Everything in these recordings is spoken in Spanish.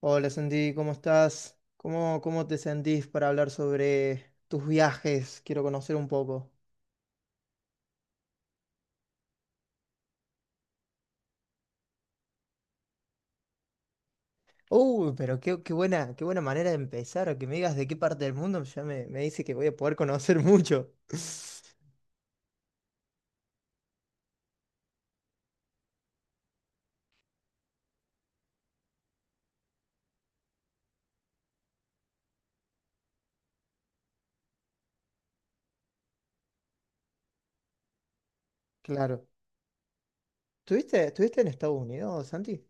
Hola Sandy, ¿cómo estás? ¿Cómo te sentís para hablar sobre tus viajes? Quiero conocer un poco. Pero qué buena manera de empezar, que me digas de qué parte del mundo, ya me dice que voy a poder conocer mucho. Claro. ¿Estuviste en Estados Unidos, Santi?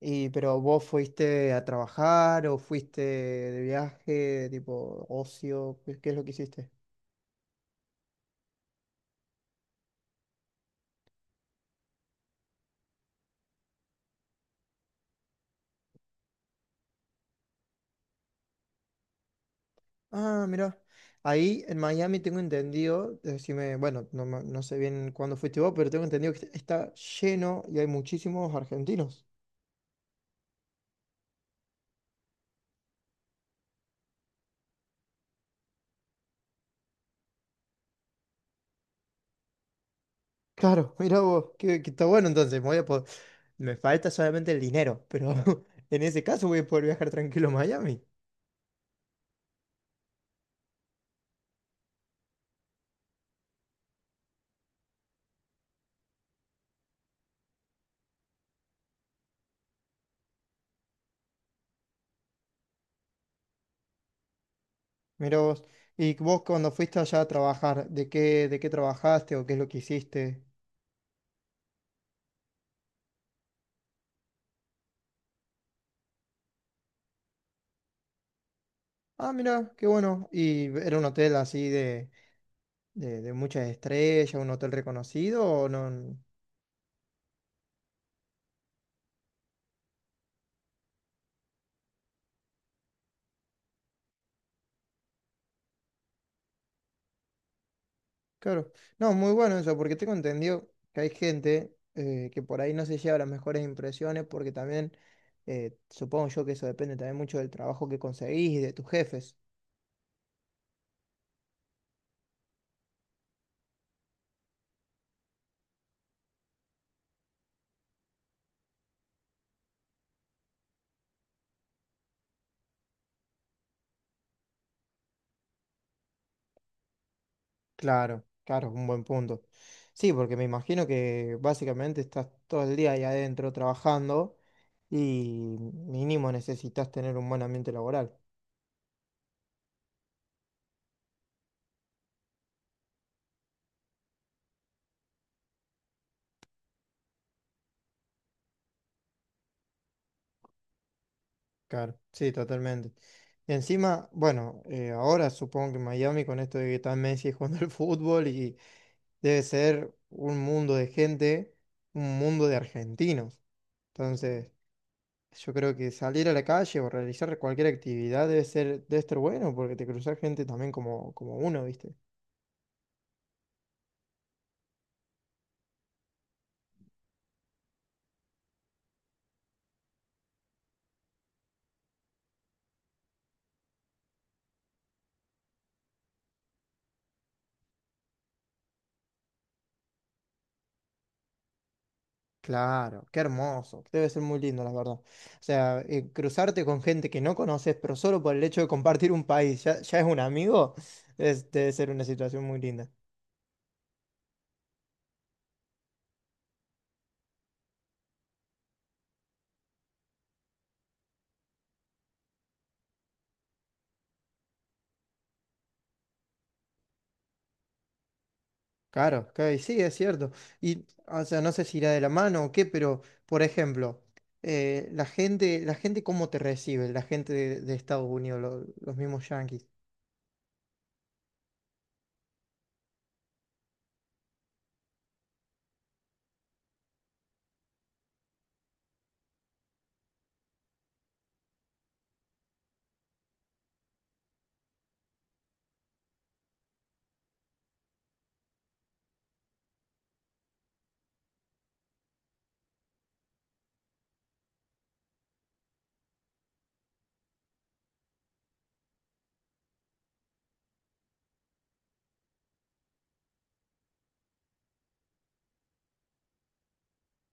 Y, pero vos fuiste a trabajar o fuiste de viaje, tipo ocio, ¿qué es lo que hiciste? Ah, mira. Ahí en Miami tengo entendido, decime, bueno, no, no sé bien cuándo fuiste vos, pero tengo entendido que está lleno y hay muchísimos argentinos. Claro, mira vos, que está bueno entonces. Me Voy a po- Me falta solamente el dinero, pero en ese caso voy a poder viajar tranquilo a Miami. Mira vos. Y vos cuando fuiste allá a trabajar, ¿de qué trabajaste o qué es lo que hiciste? Ah, mira, qué bueno. ¿Y era un hotel así de muchas estrellas, un hotel reconocido o no? Claro. No, muy bueno eso, porque tengo entendido que hay gente que por ahí no se lleva las mejores impresiones, porque también supongo yo que eso depende también mucho del trabajo que conseguís y de tus jefes. Claro, claro, un buen punto. Sí, porque me imagino que básicamente estás todo el día ahí adentro trabajando y mínimo necesitas tener un buen ambiente laboral. Claro, sí, totalmente. Y encima, bueno, ahora supongo que Miami con esto de que está Messi jugando al fútbol y debe ser un mundo de gente, un mundo de argentinos. Entonces, yo creo que salir a la calle o realizar cualquier actividad debe estar bueno porque te cruzas gente también como, como uno, ¿viste? Claro, qué hermoso, debe ser muy lindo, la verdad. O sea, cruzarte con gente que no conoces, pero solo por el hecho de compartir un país, ya es un amigo, debe ser una situación muy linda. Claro, ok, sí, es cierto. Y, o sea, no sé si irá de la mano o qué, pero, por ejemplo, la gente cómo te recibe, la gente de Estados Unidos, los mismos yanquis.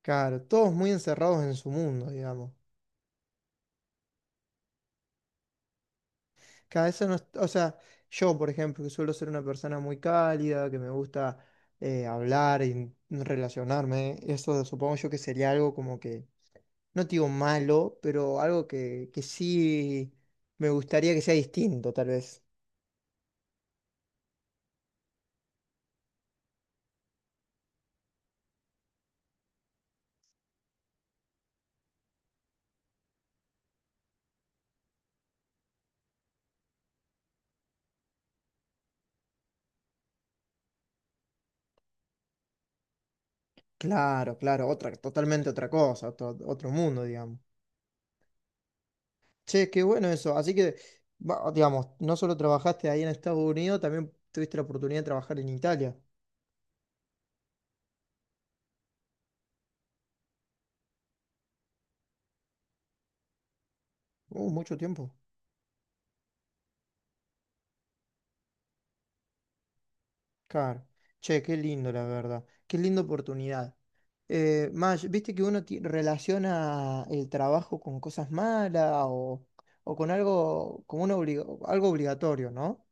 Claro, todos muy encerrados en su mundo, digamos. Cada eso no, o sea, yo, por ejemplo, que suelo ser una persona muy cálida, que me gusta hablar y relacionarme, eso supongo yo que sería algo como que, no te digo malo, pero algo que sí me gustaría que sea distinto, tal vez. Claro, claro, otra, totalmente otra cosa, otro mundo, digamos. Che, qué bueno eso. Así que, digamos, no solo trabajaste ahí en Estados Unidos, también tuviste la oportunidad de trabajar en Italia. Mucho tiempo. Claro. Che, qué lindo, la verdad. Qué linda oportunidad. Maj, ¿viste que uno relaciona el trabajo con cosas malas o con algo, como una algo obligatorio, ¿no?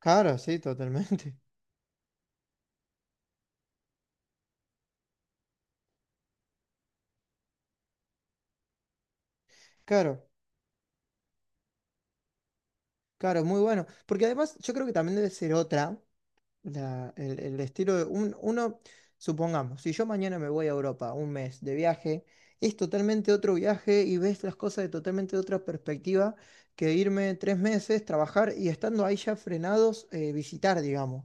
Claro, sí, totalmente. Claro, claro, muy bueno. Porque además yo creo que también debe ser otra. El estilo de uno, supongamos, si yo mañana me voy a Europa un mes de viaje, es totalmente otro viaje y ves las cosas de totalmente otra perspectiva que irme 3 meses, trabajar y estando ahí ya frenados, visitar, digamos.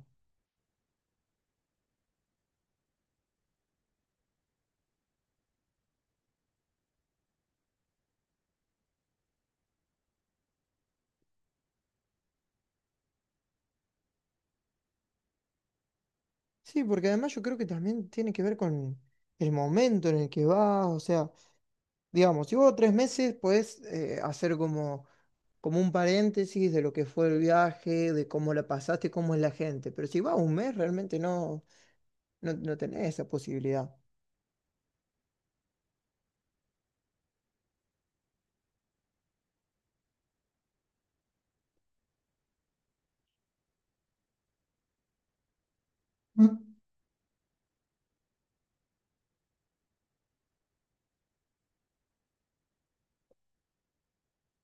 Sí, porque además yo creo que también tiene que ver con el momento en el que vas, o sea, digamos, si vos 3 meses podés hacer como, como un paréntesis de lo que fue el viaje, de cómo la pasaste, cómo es la gente, pero si vas un mes realmente no, No, no tenés esa posibilidad. Mm.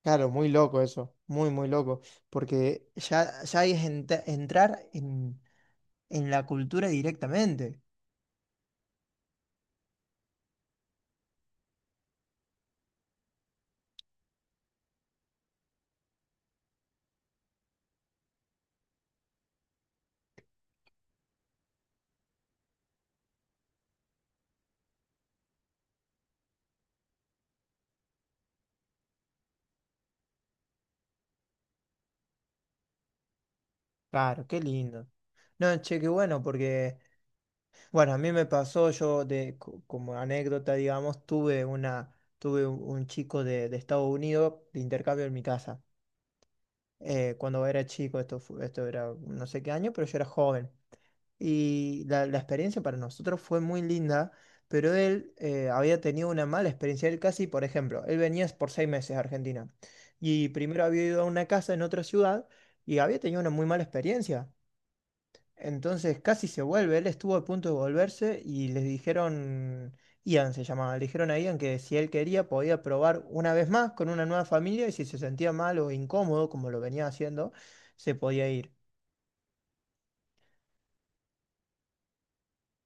Claro, muy loco eso, muy, muy loco, porque ya es entrar en la cultura directamente. Claro, qué lindo. No, che, qué bueno, porque, bueno, a mí me pasó, yo de, como anécdota, digamos, tuve un chico de Estados Unidos de intercambio en mi casa. Cuando era chico, esto, esto era no sé qué año, pero yo era joven. Y la, la experiencia para nosotros fue muy linda, pero él había tenido una mala experiencia. Él casi, por ejemplo, él venía por 6 meses a Argentina y primero había ido a una casa en otra ciudad y había tenido una muy mala experiencia. Entonces casi se vuelve, él estuvo a punto de volverse y les dijeron, Ian se llamaba, le dijeron a Ian que si él quería podía probar una vez más con una nueva familia y si se sentía mal o incómodo, como lo venía haciendo, se podía ir.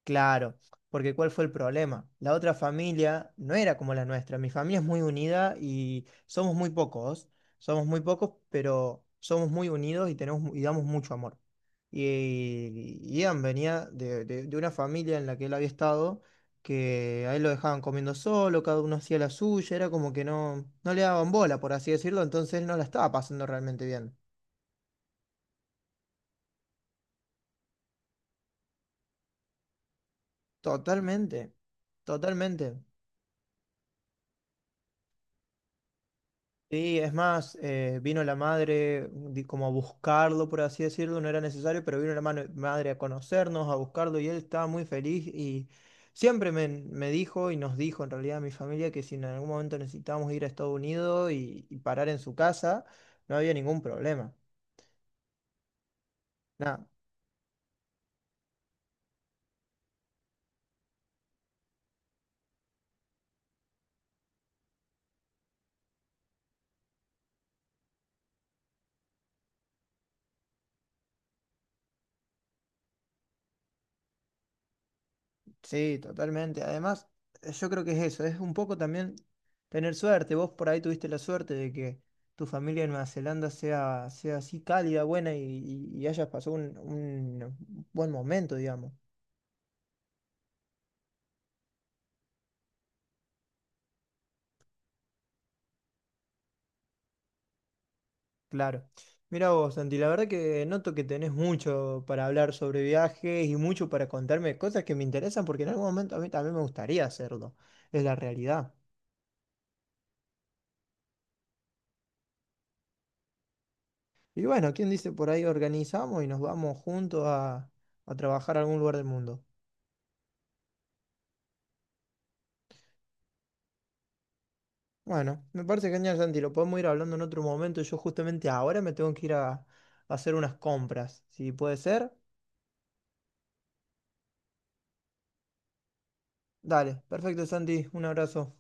Claro, porque ¿cuál fue el problema? La otra familia no era como la nuestra. Mi familia es muy unida y somos muy pocos. Somos muy pocos, pero somos muy unidos y tenemos y damos mucho amor. Y Ian venía de, de una familia en la que él había estado, que a él lo dejaban comiendo solo, cada uno hacía la suya, era como que no, no le daban bola, por así decirlo, entonces él no la estaba pasando realmente bien. Totalmente, totalmente. Sí, es más, vino la madre como a buscarlo, por así decirlo, no era necesario, pero vino la madre a conocernos, a buscarlo y él estaba muy feliz y me dijo y nos dijo en realidad a mi familia que si en algún momento necesitábamos ir a Estados Unidos y parar en su casa, no había ningún problema. Nada. Sí, totalmente. Además, yo creo que es eso, es un poco también tener suerte. Vos por ahí tuviste la suerte de que tu familia en Nueva Zelanda sea así cálida, buena y, y hayas pasado un buen momento, digamos. Claro. Mira vos, Santi, la verdad que noto que tenés mucho para hablar sobre viajes y mucho para contarme cosas que me interesan porque en algún momento a mí también me gustaría hacerlo. Es la realidad. Y bueno, ¿quién dice por ahí organizamos y nos vamos juntos a trabajar a algún lugar del mundo? Bueno, me parece genial, Santi. Lo podemos ir hablando en otro momento. Yo justamente ahora me tengo que ir a hacer unas compras. Si puede ser. Dale, perfecto, Santi. Un abrazo.